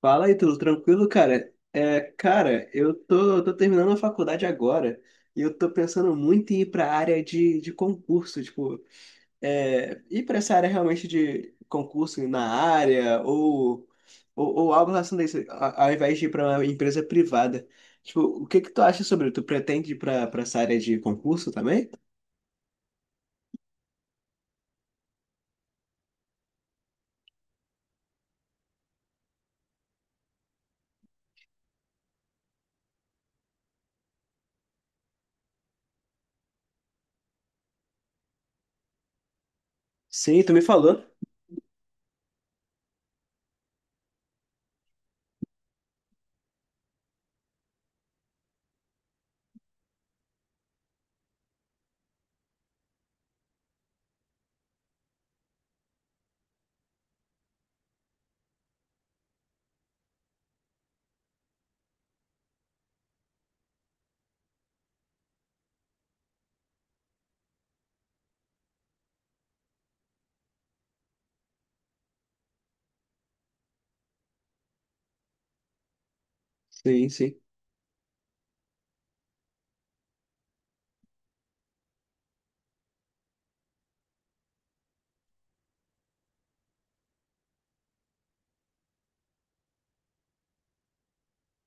Fala aí, tudo tranquilo, cara? É, cara, eu tô terminando a faculdade agora e eu tô pensando muito em ir pra área de concurso, tipo, ir pra essa área realmente de concurso na área ou algo relacionado a isso, ao invés de ir pra uma empresa privada. Tipo, o que que tu acha sobre? Tu pretende ir pra essa área de concurso também? Sim, tu me falou. Sim, sim.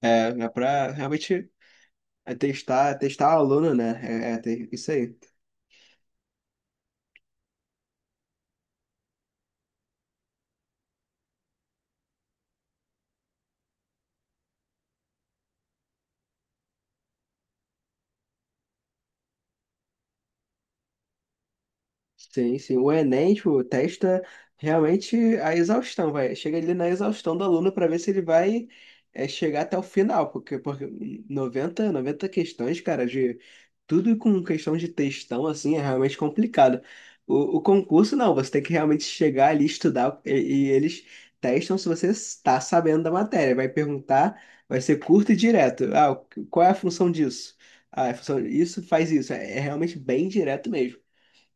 É, é pra realmente. É testar a aluna, né? É, isso aí. Sim, sim. O Enem, tipo, testa realmente a exaustão, vai. Chega ali na exaustão do aluno para ver se ele vai chegar até o final, porque noventa questões, cara, de tudo com questão de textão, assim, é realmente complicado. O concurso, não, você tem que realmente chegar ali, estudar, e eles testam se você está sabendo da matéria. Vai perguntar, vai ser curto e direto. Ah, qual é a função disso? Ah, a função, isso faz isso. É realmente bem direto mesmo.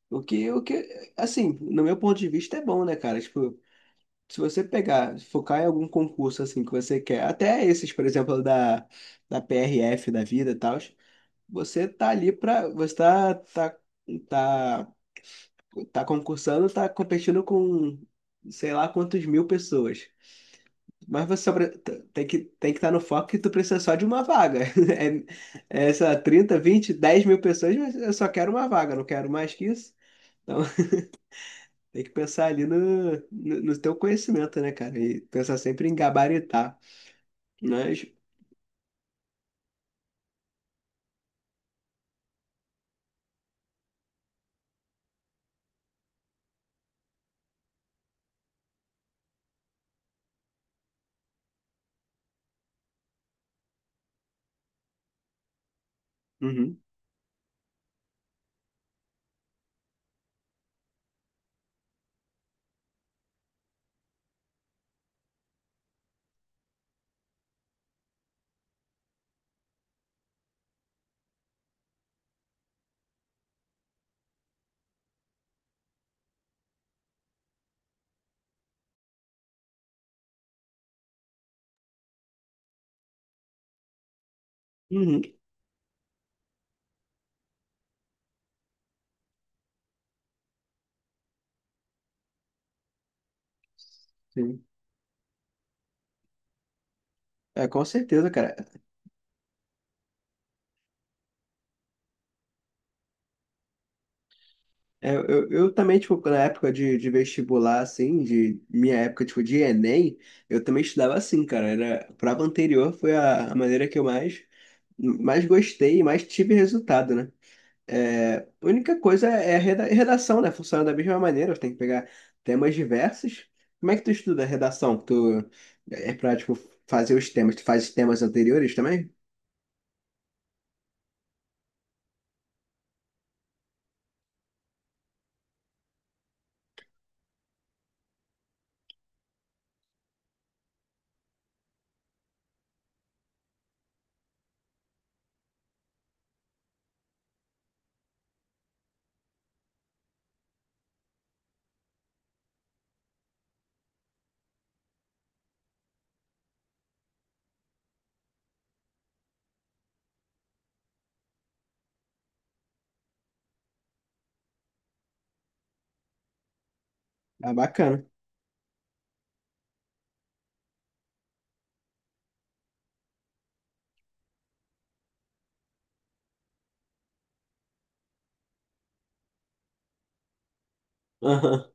O que, assim, no meu ponto de vista é bom, né, cara? Tipo, se você pegar, focar em algum concurso, assim, que você quer, até esses, por exemplo, da PRF, da vida e tal, você tá, tá, tá, tá concursando, tá competindo com, sei lá, quantos mil pessoas. Mas você só tem que estar no foco que tu precisa só de uma vaga. É, é, sei lá, 30, 20, 10 mil pessoas, mas eu só quero uma vaga, não quero mais que isso. Então, tem que pensar ali no, no teu conhecimento, né, cara? E pensar sempre em gabaritar. Mas, uhum, uhum, sim. É, com certeza, cara. É, eu também, tipo, na época de vestibular, assim, de minha época, tipo, de Enem, eu também estudava assim, cara. A prova anterior foi a maneira que eu mais gostei e mais tive resultado, né? É, a única coisa é a redação, né? Funciona da mesma maneira, tem que pegar temas diversos. Como é que tu estuda a redação? Tu é pra, tipo, fazer os temas, tu faz os temas anteriores também? Ah, bacana. Aham.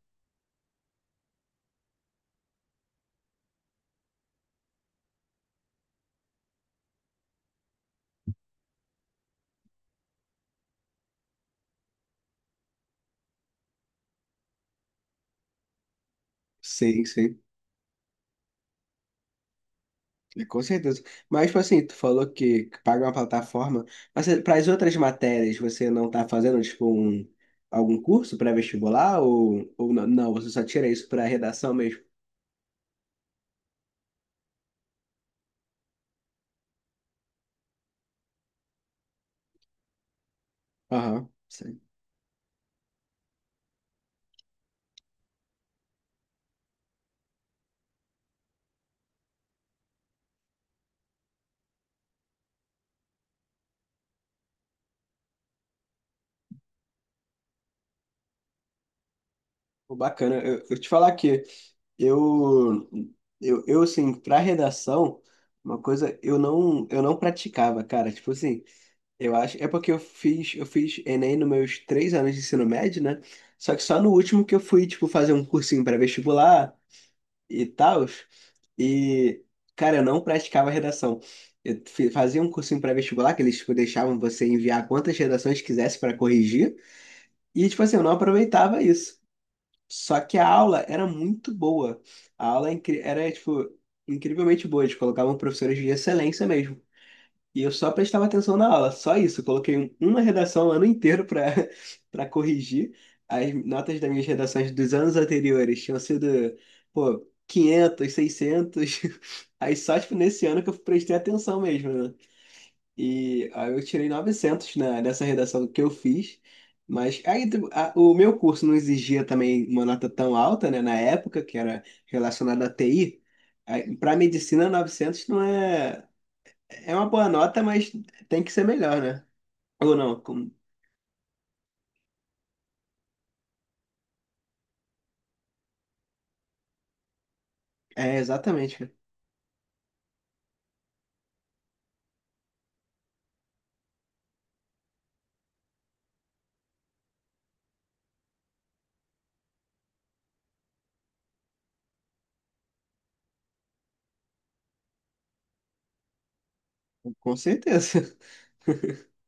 Sim, sim. É, com certeza. Mas, tipo assim, tu falou que paga uma plataforma, mas para as outras matérias você não tá fazendo, tipo, algum curso pré-vestibular ou não, não, você só tira isso para redação mesmo? Aham, sim. Pô, bacana. Eu te falar que Eu, eu assim, para redação, uma coisa eu não, praticava, cara. Tipo assim, eu acho, é porque eu fiz Enem nos meus 3 anos de ensino médio, né? Só que só no último que eu fui, tipo, fazer um cursinho para vestibular e tal. E, cara, eu não praticava redação. Eu fazia um cursinho para vestibular que eles, tipo, deixavam você enviar quantas redações quisesse para corrigir. E, tipo assim, eu não aproveitava isso. Só que a aula era muito boa. A aula era, tipo, incrivelmente boa. Eles colocavam professores de excelência mesmo. E eu só prestava atenção na aula, só isso. Eu coloquei uma redação o ano inteiro para para corrigir. As notas das minhas redações dos anos anteriores tinham sido, pô, 500 600. Aí só, tipo, nesse ano que eu prestei atenção mesmo, né? E aí eu tirei 900 nessa redação que eu fiz. Mas aí, o meu curso não exigia também uma nota tão alta, né? Na época, que era relacionada à TI. Para medicina, 900 não é... É uma boa nota, mas tem que ser melhor, né? Ou não? É, exatamente, cara. Com certeza.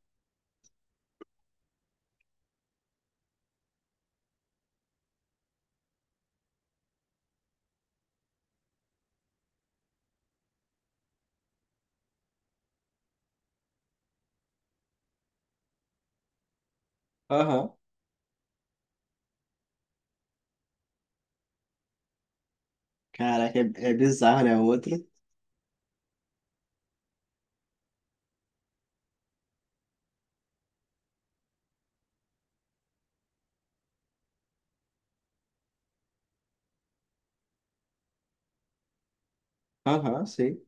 Aham. Caraca, é bizarro, né? Outro. Aham, sim.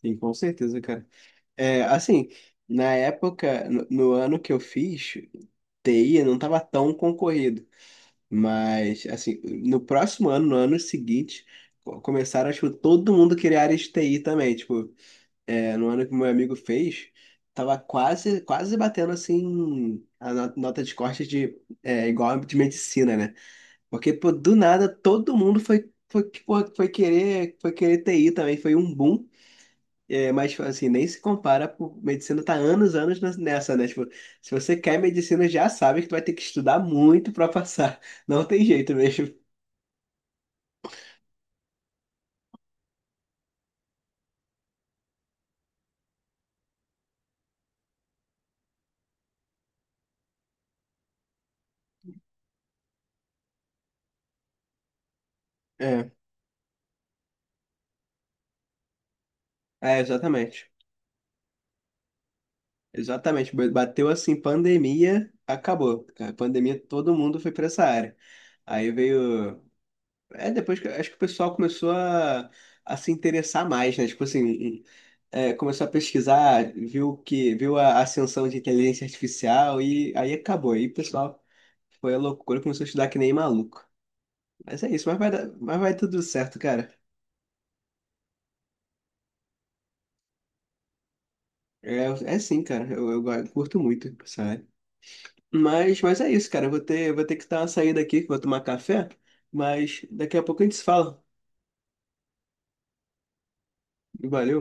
Sim, com certeza, cara. É, assim, na época, no ano que eu fiz, TI não estava tão concorrido. Mas, assim, no próximo ano, no ano seguinte, começaram, acho que todo mundo queria área de TI também. Tipo, no ano que meu amigo fez, tava quase, quase batendo, assim, a nota de corte de, igual a de medicina, né? Porque, pô, do nada, todo mundo foi querer TI também. Foi um boom. É, mas tipo, assim, nem se compara, pô, medicina tá anos, anos nessa, né? Tipo, se você quer medicina, já sabe que tu vai ter que estudar muito pra passar. Não tem jeito mesmo. É, é, exatamente. Exatamente. Bateu assim, pandemia, acabou, cara. Pandemia, todo mundo foi pra essa área. Aí veio. É, depois que acho que o pessoal começou a se interessar mais, né? Tipo assim, começou a pesquisar, viu a ascensão de inteligência artificial e aí acabou. Aí, o pessoal. Foi a loucura, começou a estudar que nem maluco. Mas é isso, mas vai dar, mas vai tudo certo, cara. É, é sim, cara. Eu curto muito, sabe? Mas é isso, cara. Eu vou ter que dar uma saída aqui, que eu vou tomar café. Mas daqui a pouco a gente se fala. Valeu.